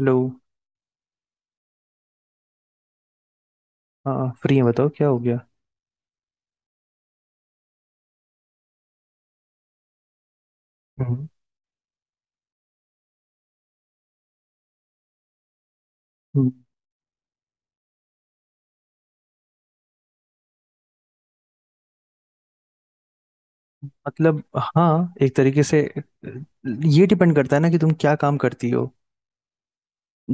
Hello. हाँ free है, बताओ क्या हो गया। हम्म हम्म। मतलब हाँ एक तरीके से। अ, ये डिपेंड करता है ना कि तुम क्या काम करती हो।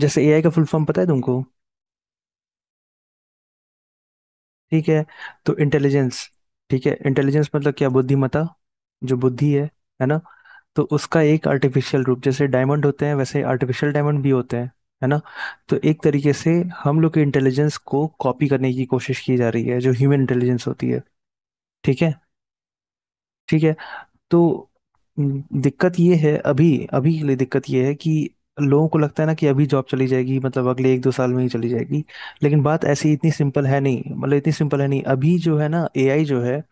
जैसे एआई का फुल फॉर्म पता है तुमको? ठीक है, तो इंटेलिजेंस। ठीक है, इंटेलिजेंस मतलब क्या? बुद्धिमत्ता, जो बुद्धि है ना? तो उसका एक आर्टिफिशियल रूप, जैसे डायमंड होते हैं वैसे आर्टिफिशियल डायमंड भी होते हैं, है ना? तो एक तरीके से हम लोग के इंटेलिजेंस को कॉपी करने की कोशिश की जा रही है, जो ह्यूमन इंटेलिजेंस होती है। ठीक है। ठीक है, तो दिक्कत ये है अभी। अभी के लिए दिक्कत ये है कि लोगों को लगता है ना कि अभी जॉब चली जाएगी, मतलब अगले 1 2 साल में ही चली जाएगी। लेकिन बात ऐसी इतनी सिंपल है नहीं, मतलब इतनी सिंपल है नहीं। अभी जो है ना एआई जो है,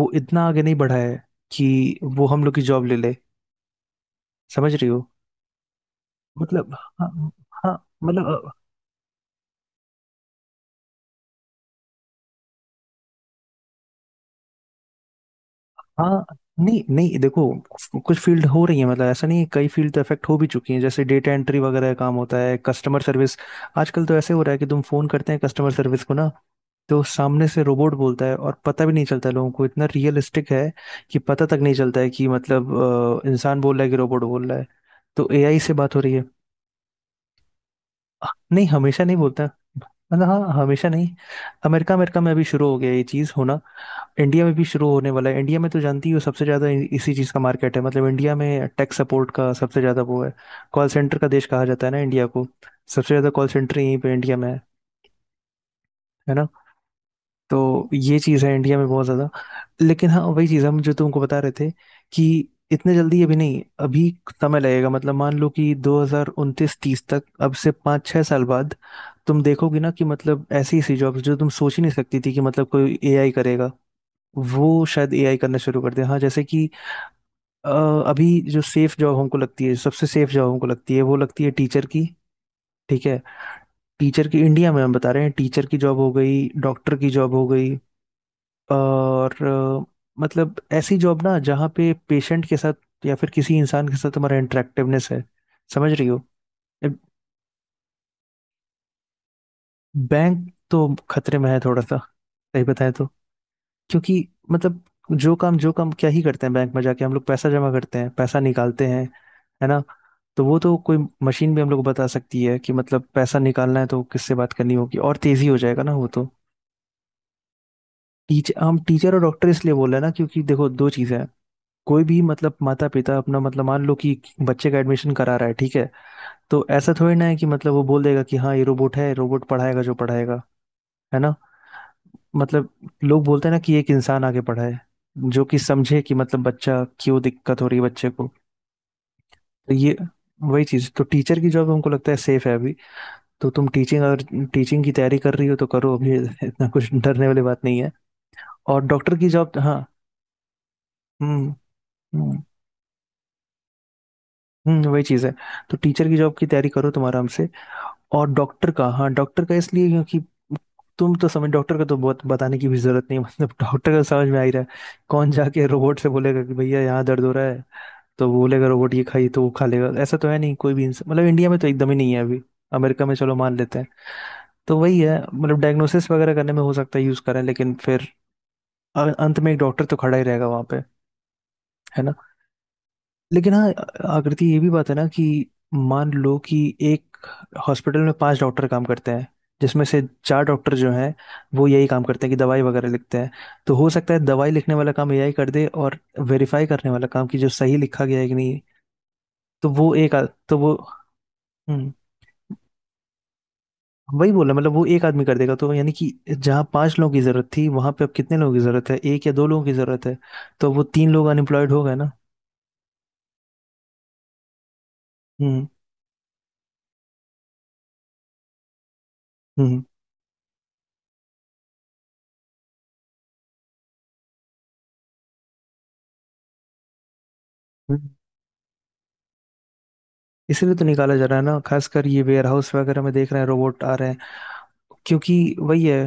वो इतना आगे नहीं बढ़ा है कि वो हम लोग की जॉब ले ले। समझ रही हो? मतलब हाँ। हाँ। मतलब हाँ। नहीं नहीं, देखो, कुछ फील्ड हो रही है, मतलब ऐसा नहीं है, कई फील्ड तो इफेक्ट हो भी चुकी हैं। जैसे डेटा एंट्री वगैरह का काम होता है, कस्टमर सर्विस। आजकल तो ऐसे हो रहा है कि तुम फोन करते हैं कस्टमर सर्विस को ना, तो सामने से रोबोट बोलता है और पता भी नहीं चलता है लोगों को, इतना रियलिस्टिक है कि पता तक नहीं चलता है कि मतलब इंसान बोल रहा है कि रोबोट बोल रहा है। तो एआई से बात हो रही है। अ, नहीं, हमेशा नहीं बोलता। मतलब हाँ, हमेशा नहीं। अमेरिका अमेरिका में अभी शुरू हो गया ये चीज़ होना। इंडिया में भी शुरू होने वाला है। इंडिया में तो जानती हो सबसे ज़्यादा इसी चीज़ का मार्केट है। मतलब इंडिया में टेक सपोर्ट का सबसे ज़्यादा वो है। कॉल सेंटर का देश कहा जाता है ना इंडिया को। सबसे ज़्यादा कॉल सेंटर यहीं पे इंडिया में है ना? तो ये चीज़ है इंडिया में बहुत ज़्यादा। लेकिन हाँ, वही चीज़ हम जो तुमको बता रहे थे कि इतने जल्दी अभी नहीं। अभी समय लगेगा, मतलब मान लो कि 2029 30 तक, अब से 5 6 साल बाद तुम देखोगे ना कि मतलब ऐसी ऐसी जॉब्स जो तुम सोच ही नहीं सकती थी कि मतलब कोई एआई करेगा, वो शायद एआई करना शुरू कर दे। हाँ जैसे कि अ, अभी जो सेफ जॉब हमको लगती है, सबसे सेफ जॉब हमको लगती है, वो लगती है टीचर की। ठीक है, टीचर की। इंडिया में हम बता रहे हैं, टीचर की जॉब हो गई, डॉक्टर की जॉब हो गई। और मतलब ऐसी जॉब ना जहाँ पे पेशेंट के साथ या फिर किसी इंसान के साथ हमारा इंटरेक्टिवनेस है। समझ रही हो? बैंक तो खतरे में है थोड़ा सा, सही बताएं तो। क्योंकि मतलब जो काम क्या ही करते हैं बैंक में जाके? हम लोग पैसा जमा करते हैं, पैसा निकालते हैं, है ना? तो वो तो कोई मशीन भी हम लोग को बता सकती है कि मतलब पैसा निकालना है तो किससे बात करनी होगी, और तेजी हो जाएगा ना वो तो। टीचर, हम टीचर और डॉक्टर इसलिए बोल रहे हैं ना क्योंकि देखो दो चीजें हैं। कोई भी मतलब माता पिता अपना मतलब मान लो कि बच्चे का एडमिशन करा रहा है, ठीक है, तो ऐसा थोड़ी ना है कि मतलब वो बोल देगा कि हाँ ये रोबोट है, रोबोट पढ़ाएगा जो पढ़ाएगा, है ना? मतलब लोग बोलते हैं ना कि एक इंसान आगे पढ़ाए, जो कि समझे कि मतलब बच्चा क्यों दिक्कत हो रही है बच्चे को। तो ये, वही चीज तो, टीचर की जॉब हमको लगता है सेफ है अभी। तो तुम टीचिंग अगर टीचिंग की तैयारी कर रही हो तो करो अभी। इतना कुछ डरने वाली बात नहीं है। और डॉक्टर की जॉब, हाँ। हम्म। हम्म। वही चीज है। तो टीचर की जॉब की तैयारी करो तुम आराम से। और डॉक्टर का, हाँ, डॉक्टर का इसलिए क्योंकि तुम तो समझ, डॉक्टर का तो बहुत बताने की भी जरूरत नहीं है। मतलब डॉक्टर का समझ में आ ही रहा है। कौन जाके रोबोट से बोलेगा कि भैया यहाँ दर्द हो रहा है, तो वो बोलेगा रोबोट ये खाइए तो वो खा लेगा? ऐसा तो है नहीं। कोई भी इंसान, मतलब इंडिया में तो एकदम ही नहीं है अभी। अमेरिका में चलो मान लेते हैं। तो वही है, मतलब डायग्नोसिस वगैरह करने में हो सकता है यूज करें, लेकिन फिर अंत में एक डॉक्टर तो खड़ा ही रहेगा वहां पे। है। लेकिन हाँ आकृति, ये भी बात है ना कि मान लो कि एक हॉस्पिटल में 5 डॉक्टर काम करते हैं, जिसमें से 4 डॉक्टर जो हैं वो यही काम करते हैं कि दवाई वगैरह लिखते हैं, तो हो सकता है दवाई लिखने वाला काम एआई कर दे और वेरीफाई करने वाला काम कि जो सही लिखा गया है कि नहीं, तो वो एक तो वो, हम्म, वही बोला, मतलब वो एक आदमी कर देगा, तो यानी कि जहाँ 5 लोगों की जरूरत थी वहां पे अब कितने लोगों की जरूरत है? एक या 2 लोगों की जरूरत है। तो वो 3 लोग अनएम्प्लॉयड हो गए ना। हम्म। हम्म। हम्म। इसीलिए तो निकाला जा रहा है ना, खासकर ये वेयर हाउस वगैरह में देख रहे हैं रोबोट आ रहे हैं। क्योंकि वही है,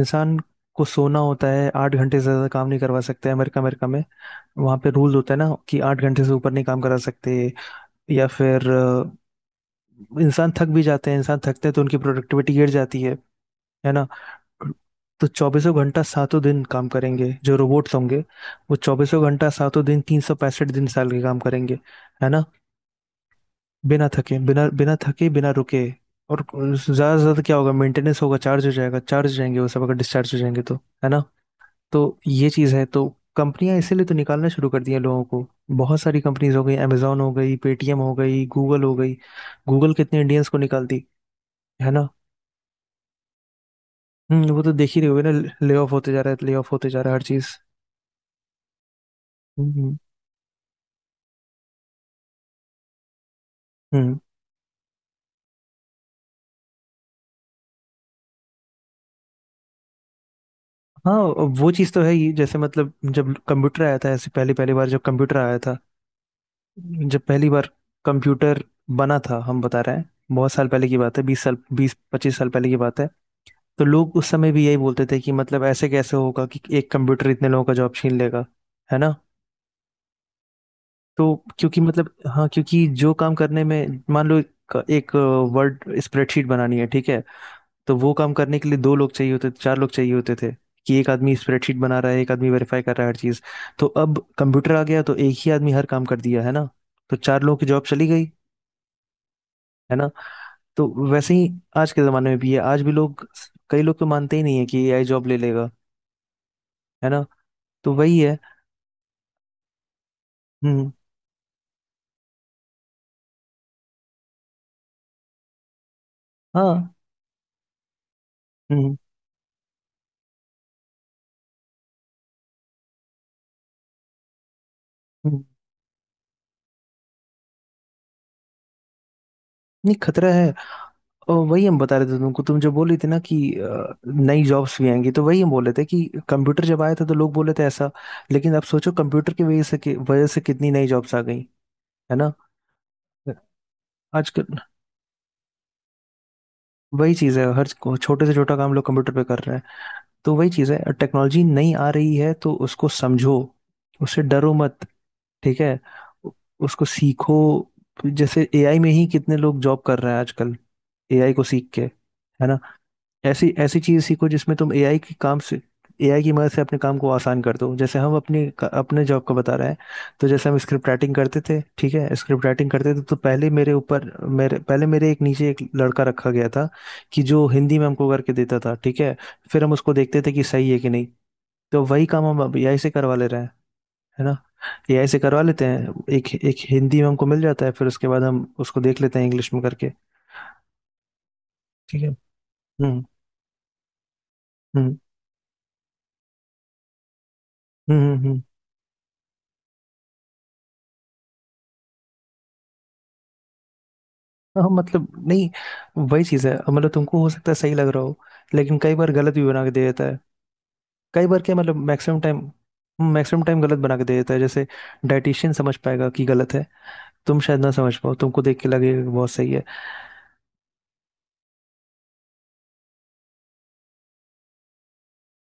इंसान को सोना होता है, 8 घंटे से ज्यादा काम नहीं करवा सकते। अमेरिका अमेरिका में वहां पे रूल होता है ना कि 8 घंटे से ऊपर नहीं काम करा सकते। या फिर इंसान थक भी जाते हैं, इंसान थकते हैं तो उनकी प्रोडक्टिविटी गिर जाती है ना? तो चौबीसों घंटा सातों दिन काम करेंगे जो रोबोट्स होंगे, वो चौबीसों घंटा सातों दिन 365 दिन साल के काम करेंगे, है ना? बिना थके, बिना बिना थके, बिना रुके। और ज्यादा से ज्यादा क्या होगा, मेंटेनेंस होगा, चार्ज हो जाएगा, चार्ज हो जाएंगे वो सब, अगर डिस्चार्ज हो जाएंगे तो, है ना? तो ये चीज़ है। तो कंपनियां इसीलिए तो निकालना शुरू कर दी हैं लोगों को। बहुत सारी कंपनीज हो गई, अमेजोन हो गई, पेटीएम हो गई, गूगल हो गई। गूगल कितने इंडियंस को निकालती, है ना? हम्म, वो तो देख ही रहे हो ना। ले ऑफ होते जा रहा है, ले ऑफ होते जा रहा है हर चीज़। हम्म। हम्म। हाँ, वो चीज़ तो है ही। जैसे मतलब जब कंप्यूटर आया था, ऐसे पहली पहली बार जब कंप्यूटर आया था, जब पहली बार कंप्यूटर बना था, हम बता रहे हैं, बहुत साल पहले की बात है, 20 साल 20 25 साल पहले की बात है। तो लोग उस समय भी यही बोलते थे कि मतलब ऐसे कैसे होगा कि एक कंप्यूटर इतने लोगों का जॉब छीन लेगा, है ना? तो क्योंकि मतलब हाँ, क्योंकि जो काम करने में मान लो एक वर्ड स्प्रेडशीट बनानी है, ठीक है, तो वो काम करने के लिए 2 लोग चाहिए होते थे, 4 लोग चाहिए होते थे कि एक आदमी स्प्रेडशीट बना रहा है, एक आदमी वेरीफाई कर रहा है हर चीज़। तो अब कंप्यूटर आ गया तो एक ही आदमी हर काम कर दिया है ना, तो 4 लोगों की जॉब चली गई, है ना? तो वैसे ही आज के जमाने में भी है। आज भी लोग, कई लोग तो मानते ही नहीं है कि एआई जॉब ले लेगा, है ना? तो वही है। हम्म। हाँ। हम्म। हम्म। नहीं, खतरा है। और वही हम बता रहे थे तुमको, तुम जो बोल रही थी ना कि नई जॉब्स भी आएंगी, तो वही हम बोल रहे थे कि कंप्यूटर जब आया था तो लोग बोले थे ऐसा, लेकिन अब सोचो कंप्यूटर की वजह से वजह से कितनी नई जॉब्स आ गई, है ना? आजकल वही चीज़ है, हर छोटे से छोटा काम लोग कंप्यूटर पे कर रहे हैं। तो वही चीज़ है, टेक्नोलॉजी नई आ रही है तो उसको समझो, उससे डरो मत। ठीक है? उ- उसको सीखो। जैसे एआई में ही कितने लोग जॉब कर रहे हैं आजकल, एआई को सीख के, है ना? ऐसी ऐसी चीज सीखो जिसमें तुम एआई की काम से, एआई की मदद से अपने काम को आसान कर दो। जैसे हम अपने अपने जॉब का बता रहे हैं, तो जैसे हम स्क्रिप्ट राइटिंग करते थे, ठीक है, स्क्रिप्ट राइटिंग करते थे, तो पहले मेरे ऊपर, मेरे पहले मेरे एक नीचे एक लड़का रखा गया था कि जो हिंदी में हमको करके देता था, ठीक है, फिर हम उसको देखते थे कि सही है कि नहीं। तो वही काम हम अब एआई से करवा ले रहे हैं, है ना? ये ऐसे करवा लेते हैं, एक एक हिंदी में हमको मिल जाता है, फिर उसके बाद हम उसको देख लेते हैं इंग्लिश में करके। ठीक है। हम्म। हम्म। हम्म। हम्म। हम्म। हाँ मतलब नहीं, वही चीज़ है, मतलब तुमको हो सकता है सही लग रहा हो, लेकिन कई बार गलत भी बना के दे देता है। कई बार क्या, मतलब मैक्सिमम टाइम, मैक्सिमम टाइम गलत बना के दे देता है। जैसे डाइटिशियन समझ पाएगा कि गलत है तुम शायद ना समझ पाओ। तुमको देख के लगेगा कि बहुत सही है।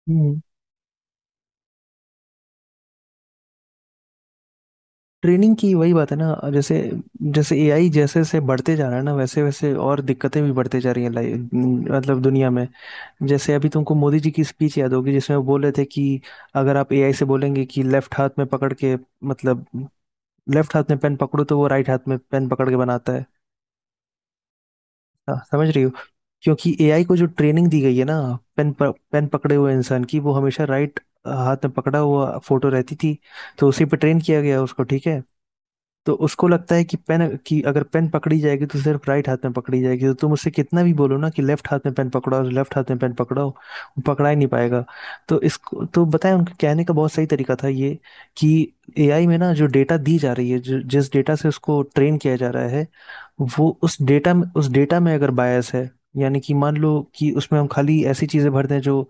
हम्म। ट्रेनिंग की वही बात है ना, जैसे जैसे एआई जैसे जैसे बढ़ते जा रहा है ना, वैसे वैसे और दिक्कतें भी बढ़ते जा रही हैं लाइफ, मतलब दुनिया में। जैसे अभी तुमको मोदी जी की स्पीच याद होगी जिसमें वो बोल रहे थे कि अगर आप एआई से बोलेंगे कि लेफ्ट हाथ में पकड़ के, मतलब लेफ्ट हाथ में पेन पकड़ो, तो वो राइट हाथ में पेन पकड़ के बनाता है। हाँ, समझ रही हो? क्योंकि एआई को जो ट्रेनिंग दी गई है ना, पेन पेन पकड़े हुए इंसान की वो हमेशा राइट हाथ में पकड़ा हुआ फोटो रहती थी। तो उसी पे ट्रेन किया गया उसको, ठीक है? तो उसको लगता है कि पेन कि अगर पेन पकड़ी जाएगी तो सिर्फ राइट हाथ में पकड़ी जाएगी। तो तुम उससे कितना भी बोलो ना कि लेफ्ट हाथ में पेन पकड़ाओ, लेफ्ट हाथ में पेन पकड़ाओ, वो पकड़ा ही नहीं पाएगा। तो इसको तो बताएं, उनके कहने का बहुत सही तरीका था ये। कि एआई में ना जो डेटा दी जा रही है, जो जिस डेटा से उसको ट्रेन किया जा रहा है, वो उस डेटा में अगर बायस है, यानी कि मान लो कि उसमें हम खाली ऐसी चीजें भर दें जो,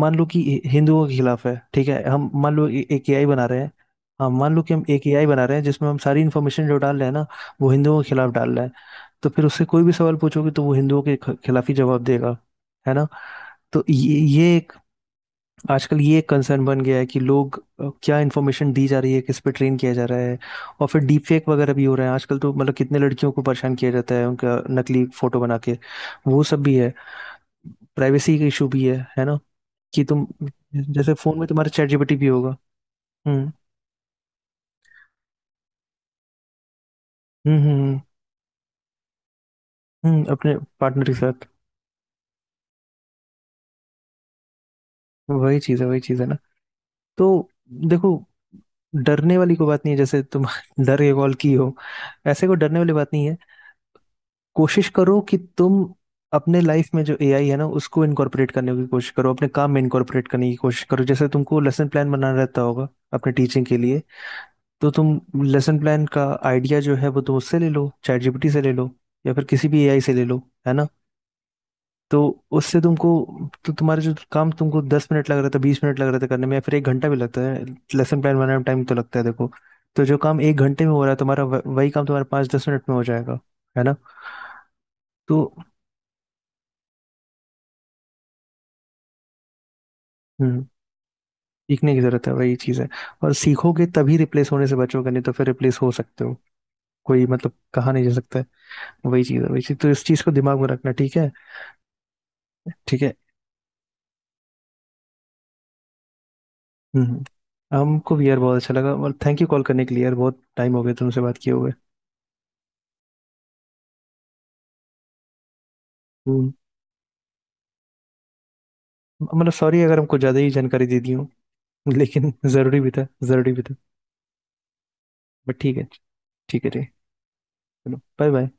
मान लो कि हिंदुओं के खिलाफ है। ठीक है, हम मान लो एक एआई बना रहे हैं। हाँ, मान लो कि हम एक एआई बना रहे हैं जिसमें हम सारी इन्फॉर्मेशन जो डाल रहे हैं ना, वो हिंदुओं के खिलाफ डाल रहे हैं। तो फिर उससे कोई भी सवाल पूछोगे तो वो हिंदुओं के खिलाफ ही जवाब देगा, है ना? तो ये एक, आजकल ये एक कंसर्न बन गया है कि लोग, क्या इन्फॉर्मेशन दी जा रही है, किस पे ट्रेन किया जा रहा है। और फिर डीप फेक वगैरह भी हो रहे हैं आजकल, तो मतलब कितने लड़कियों को परेशान किया जाता है उनका नकली फोटो बना के, वो सब भी है। प्राइवेसी का इशू भी है ना? कि तुम, जैसे फोन में तुम्हारा चैट जीपीटी भी होगा। हम्म, हम्म, हम्म, अपने पार्टनर के साथ। वही चीज है, वही चीज है ना। तो देखो, डरने वाली कोई बात नहीं है, जैसे तुम डर के कॉल की हो, ऐसे कोई डरने वाली बात नहीं है। कोशिश करो कि तुम अपने लाइफ में जो एआई है ना उसको इनकॉर्पोरेट करने की कोशिश करो, अपने काम में इनकॉर्पोरेट करने की कोशिश करो। जैसे तुमको लेसन प्लान बनाना रहता होगा अपने टीचिंग के लिए, तो तुम लेसन प्लान का आइडिया जो है वो तो उससे ले लो, चैट जीपीटी से ले लो या फिर किसी भी एआई से ले लो। है ना? तो उससे तुमको, तो तुम्हारा जो काम तुमको 10 मिनट लग रहा था, 20 मिनट लग रहा था करने में, या फिर 1 घंटा भी लगता है, लेसन प्लान बनाने में टाइम तो लगता है देखो, तो जो काम 1 घंटे में हो रहा है तुम्हारा, वही काम तुम्हारा 5-10 मिनट में हो जाएगा, है ना? तो हम्म, सीखने की जरूरत है, वही चीज़ है। और सीखोगे तभी रिप्लेस होने से बचोगे, नहीं तो फिर रिप्लेस हो सकते हो, कोई मतलब कहा नहीं जा सकता है। वही चीज़ है, वही चीज़, तो इस चीज़ को दिमाग में रखना। ठीक है। ठीक है। हम्म। हमको भी यार बहुत अच्छा लगा, और थैंक यू कॉल करने के लिए यार, बहुत टाइम हो गया तुमसे बात किए हुए। हम्म। मतलब सॉरी अगर हमको ज़्यादा ही जानकारी दे दी हूँ, लेकिन ज़रूरी भी था, ज़रूरी भी था। बट ठीक है। ठीक है। ठीक है। चलो, बाय बाय।